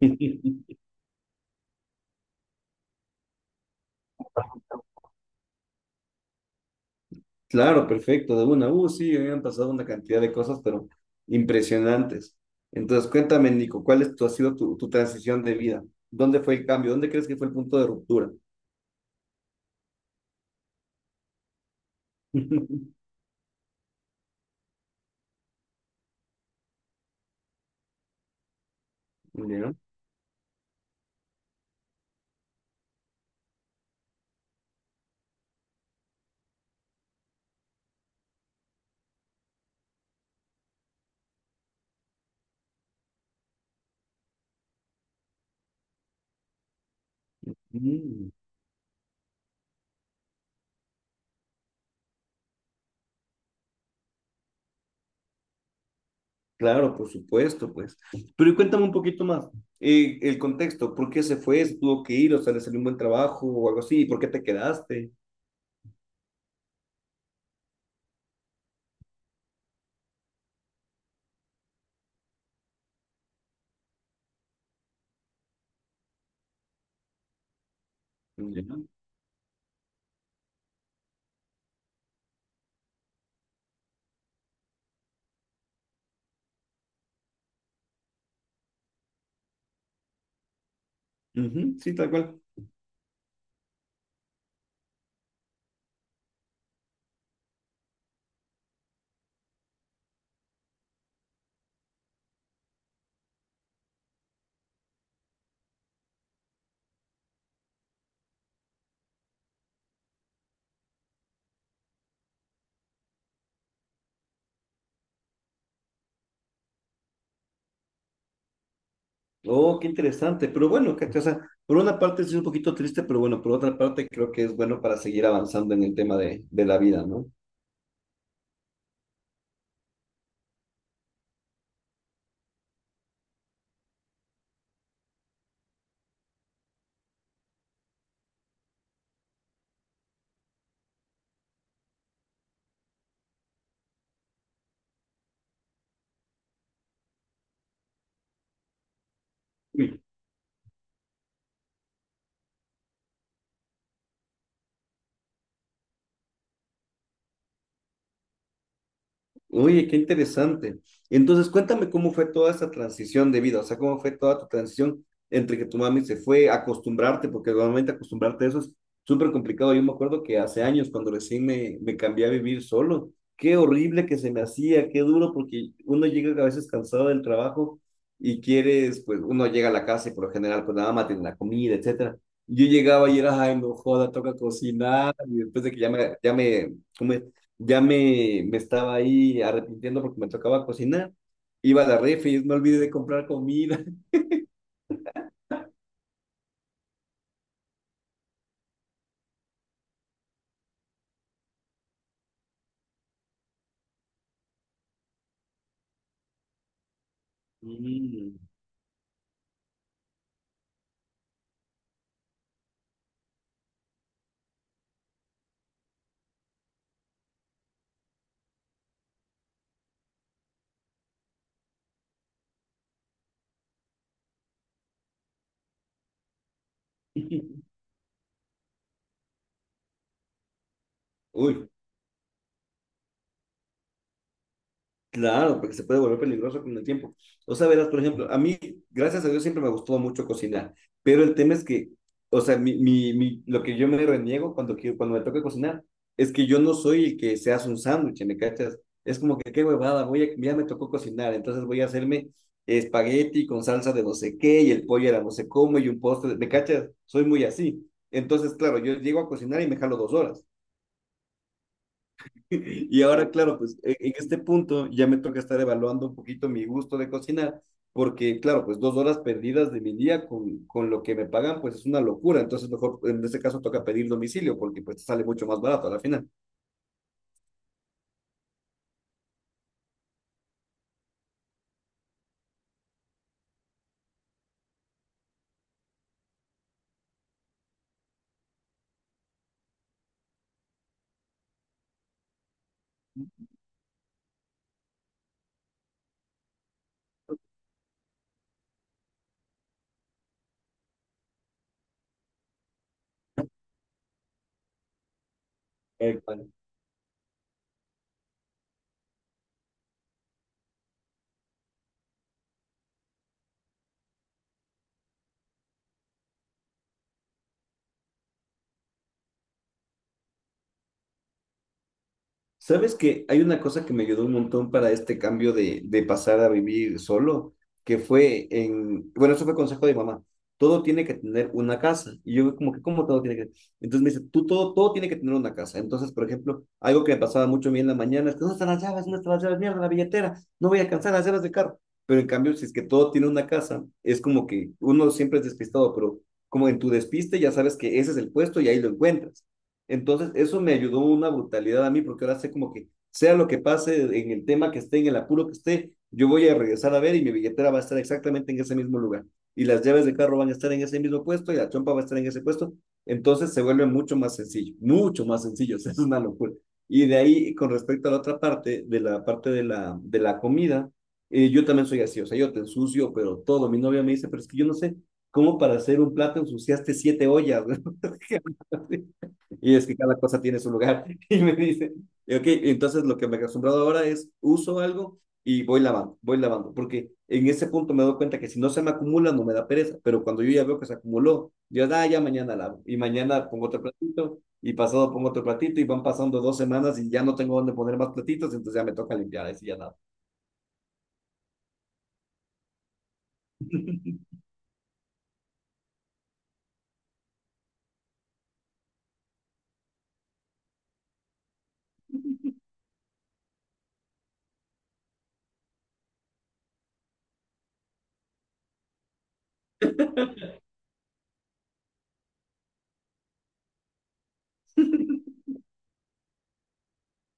Claro, perfecto, de una. Sí, me han pasado una cantidad de cosas, pero impresionantes. Entonces, cuéntame, Nico, ¿cuál es ha sido tu transición de vida? ¿Dónde fue el cambio? ¿Dónde crees que fue el punto de ruptura? ¿Ya? Mm, claro, por supuesto, pues. Pero y cuéntame un poquito más. El contexto, ¿por qué se fue? ¿Se tuvo que ir? ¿O sea, le salió un buen trabajo o algo así? ¿Y por qué te quedaste? ¿Ya? Ujú, sí, tal cual. Oh, qué interesante. Pero bueno, ¿cachai? O sea, por una parte sí es un poquito triste, pero bueno, por otra parte creo que es bueno para seguir avanzando en el tema de la vida, ¿no? Oye, qué interesante. Entonces, cuéntame cómo fue toda esa transición de vida, o sea, cómo fue toda tu transición entre que tu mami se fue, acostumbrarte, porque normalmente acostumbrarte a eso es súper complicado. Yo me acuerdo que hace años, cuando recién me cambié a vivir solo, qué horrible que se me hacía, qué duro, porque uno llega a veces cansado del trabajo y quieres, pues uno llega a la casa y por lo general, pues la mamá tiene la comida, etcétera. Yo llegaba y era, ay, no joda, toca cocinar, y después de que ya me, ¿cómo es? ya me estaba ahí arrepintiendo porque me tocaba cocinar. Iba a la refri y me olvidé de comprar comida. Mm. Uy, claro, porque se puede volver peligroso con el tiempo. O sea, verás, por ejemplo, a mí, gracias a Dios, siempre me gustó mucho cocinar, pero el tema es que, o sea, mi lo que yo me reniego cuando, quiero, cuando me toca cocinar es que yo no soy el que se hace un sándwich, ¿me cachas? Es como que qué huevada, voy a, ya me tocó cocinar, entonces voy a hacerme espagueti con salsa de no sé qué y el pollo era no sé cómo y un postre, ¿me cachas? Soy muy así. Entonces, claro, yo llego a cocinar y me jalo 2 horas. Y ahora, claro, pues en este punto ya me toca estar evaluando un poquito mi gusto de cocinar, porque, claro, pues 2 horas perdidas de mi día con lo que me pagan, pues es una locura. Entonces, mejor en este caso toca pedir domicilio, porque pues sale mucho más barato a la final. Eh, Sabes que hay una cosa que me ayudó un montón para este cambio de pasar a vivir solo, que fue en, bueno, eso fue consejo de mamá, todo tiene que tener una casa. Y yo como que, ¿cómo todo tiene que? Entonces me dice, tú todo tiene que tener una casa. Entonces, por ejemplo, algo que me pasaba mucho a mí en la mañana es que, ¿dónde están las llaves? ¿Dónde están las llaves? Mierda, la billetera, no voy a alcanzar las llaves del carro. Pero en cambio, si es que todo tiene una casa, es como que uno siempre es despistado, pero como en tu despiste ya sabes que ese es el puesto y ahí lo encuentras. Entonces, eso me ayudó una brutalidad a mí, porque ahora sé como que sea lo que pase en el tema que esté, en el apuro que esté, yo voy a regresar a ver y mi billetera va a estar exactamente en ese mismo lugar. Y las llaves de carro van a estar en ese mismo puesto y la chompa va a estar en ese puesto. Entonces se vuelve mucho más sencillo, mucho más sencillo. O sea, es una locura. Y de ahí, con respecto a la otra parte, de la parte de la comida, yo también soy así. O sea, yo te ensucio, pero todo. Mi novia me dice, pero es que yo no sé cómo para hacer un plato ensuciaste siete ollas. Y es que cada cosa tiene su lugar. Y me dice, y ok, entonces lo que me he acostumbrado ahora es uso algo y voy lavando, porque en ese punto me doy cuenta que si no se me acumula no me da pereza, pero cuando yo ya veo que se acumuló, yo ah, ya mañana lavo y mañana pongo otro platito y pasado pongo otro platito y van pasando 2 semanas y ya no tengo dónde poner más platitos, entonces ya me toca limpiar, así ya nada.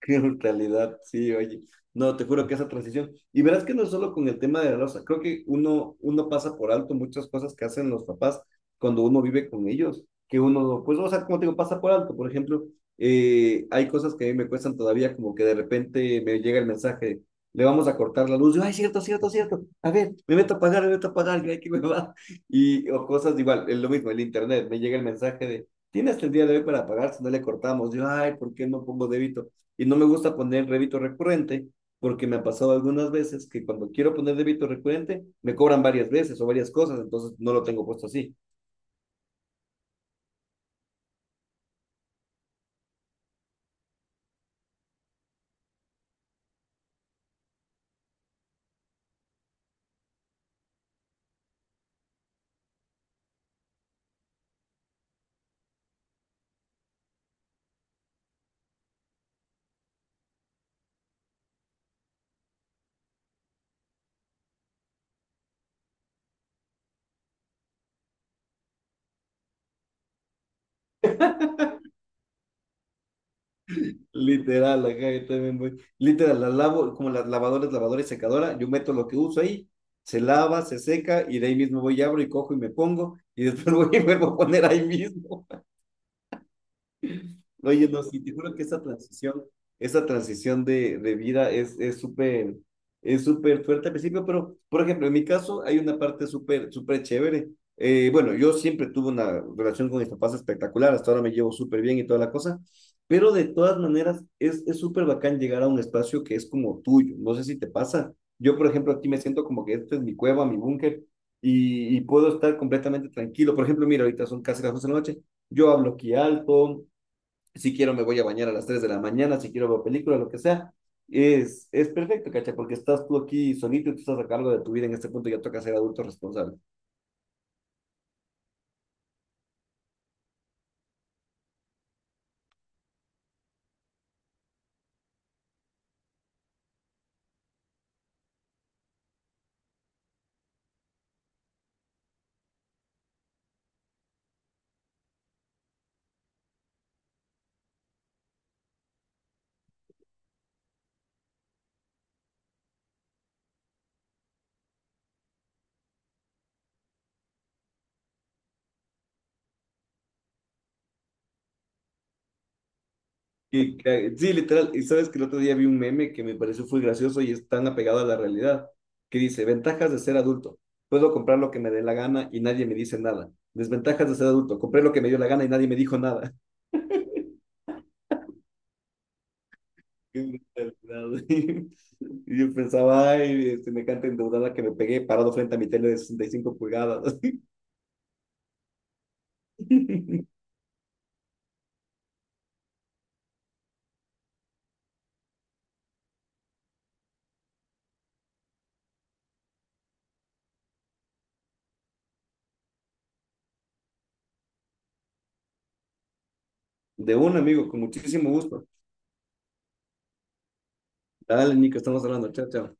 Qué brutalidad, sí, oye. No, te juro que esa transición. Y verás que no es solo con el tema de la losa. Creo que uno pasa por alto muchas cosas que hacen los papás cuando uno vive con ellos. Que uno, pues, o sea, como te digo, pasa por alto. Por ejemplo, hay cosas que a mí me cuestan todavía, como que de repente me llega el mensaje, le vamos a cortar la luz. Yo, ay, cierto, cierto, cierto. A ver, me meto a pagar, me meto a pagar, que me va. Y, o cosas igual, es lo mismo, el internet. Me llega el mensaje de, tienes el día de hoy para pagar, si no le cortamos. Yo, ay, ¿por qué no pongo débito? Y no me gusta poner débito recurrente porque me ha pasado algunas veces que cuando quiero poner débito recurrente me cobran varias veces o varias cosas, entonces no lo tengo puesto así. Literal, acá yo también voy. Literal, la lavo como las lavadoras, lavadora y secadora, yo meto lo que uso ahí, se lava, se seca y de ahí mismo voy y abro y cojo y me pongo y después voy y vuelvo a poner ahí mismo. Oye, no, sí, te juro que esa transición de vida es súper fuerte al principio, pero, por ejemplo, en mi caso hay una parte súper, súper chévere. Bueno, yo siempre tuve una relación con mis papás espectacular, hasta ahora me llevo súper bien y toda la cosa, pero de todas maneras es súper bacán llegar a un espacio que es como tuyo, no sé si te pasa. Yo, por ejemplo, aquí me siento como que este es mi cueva, mi búnker, y puedo estar completamente tranquilo. Por ejemplo, mira, ahorita son casi las 12 de la noche, yo hablo aquí alto, si quiero me voy a bañar a las 3 de la mañana, si quiero ver película, lo que sea. Es perfecto, ¿cachai? Porque estás tú aquí solito y tú estás a cargo de tu vida en este punto, ya toca ser adulto responsable. Y, sí, literal, y sabes que el otro día vi un meme que me pareció muy gracioso y es tan apegado a la realidad, que dice, ventajas de ser adulto, puedo comprar lo que me dé la gana y nadie me dice nada. Desventajas de ser adulto, compré lo que me dio la gana y nadie me dijo nada. Y yo pensaba, ay, este, me encanta endeudada que me pegué parado frente a mi tele de 65 pulgadas. De un amigo, con muchísimo gusto. Dale, Nico, estamos hablando. Chao, chao.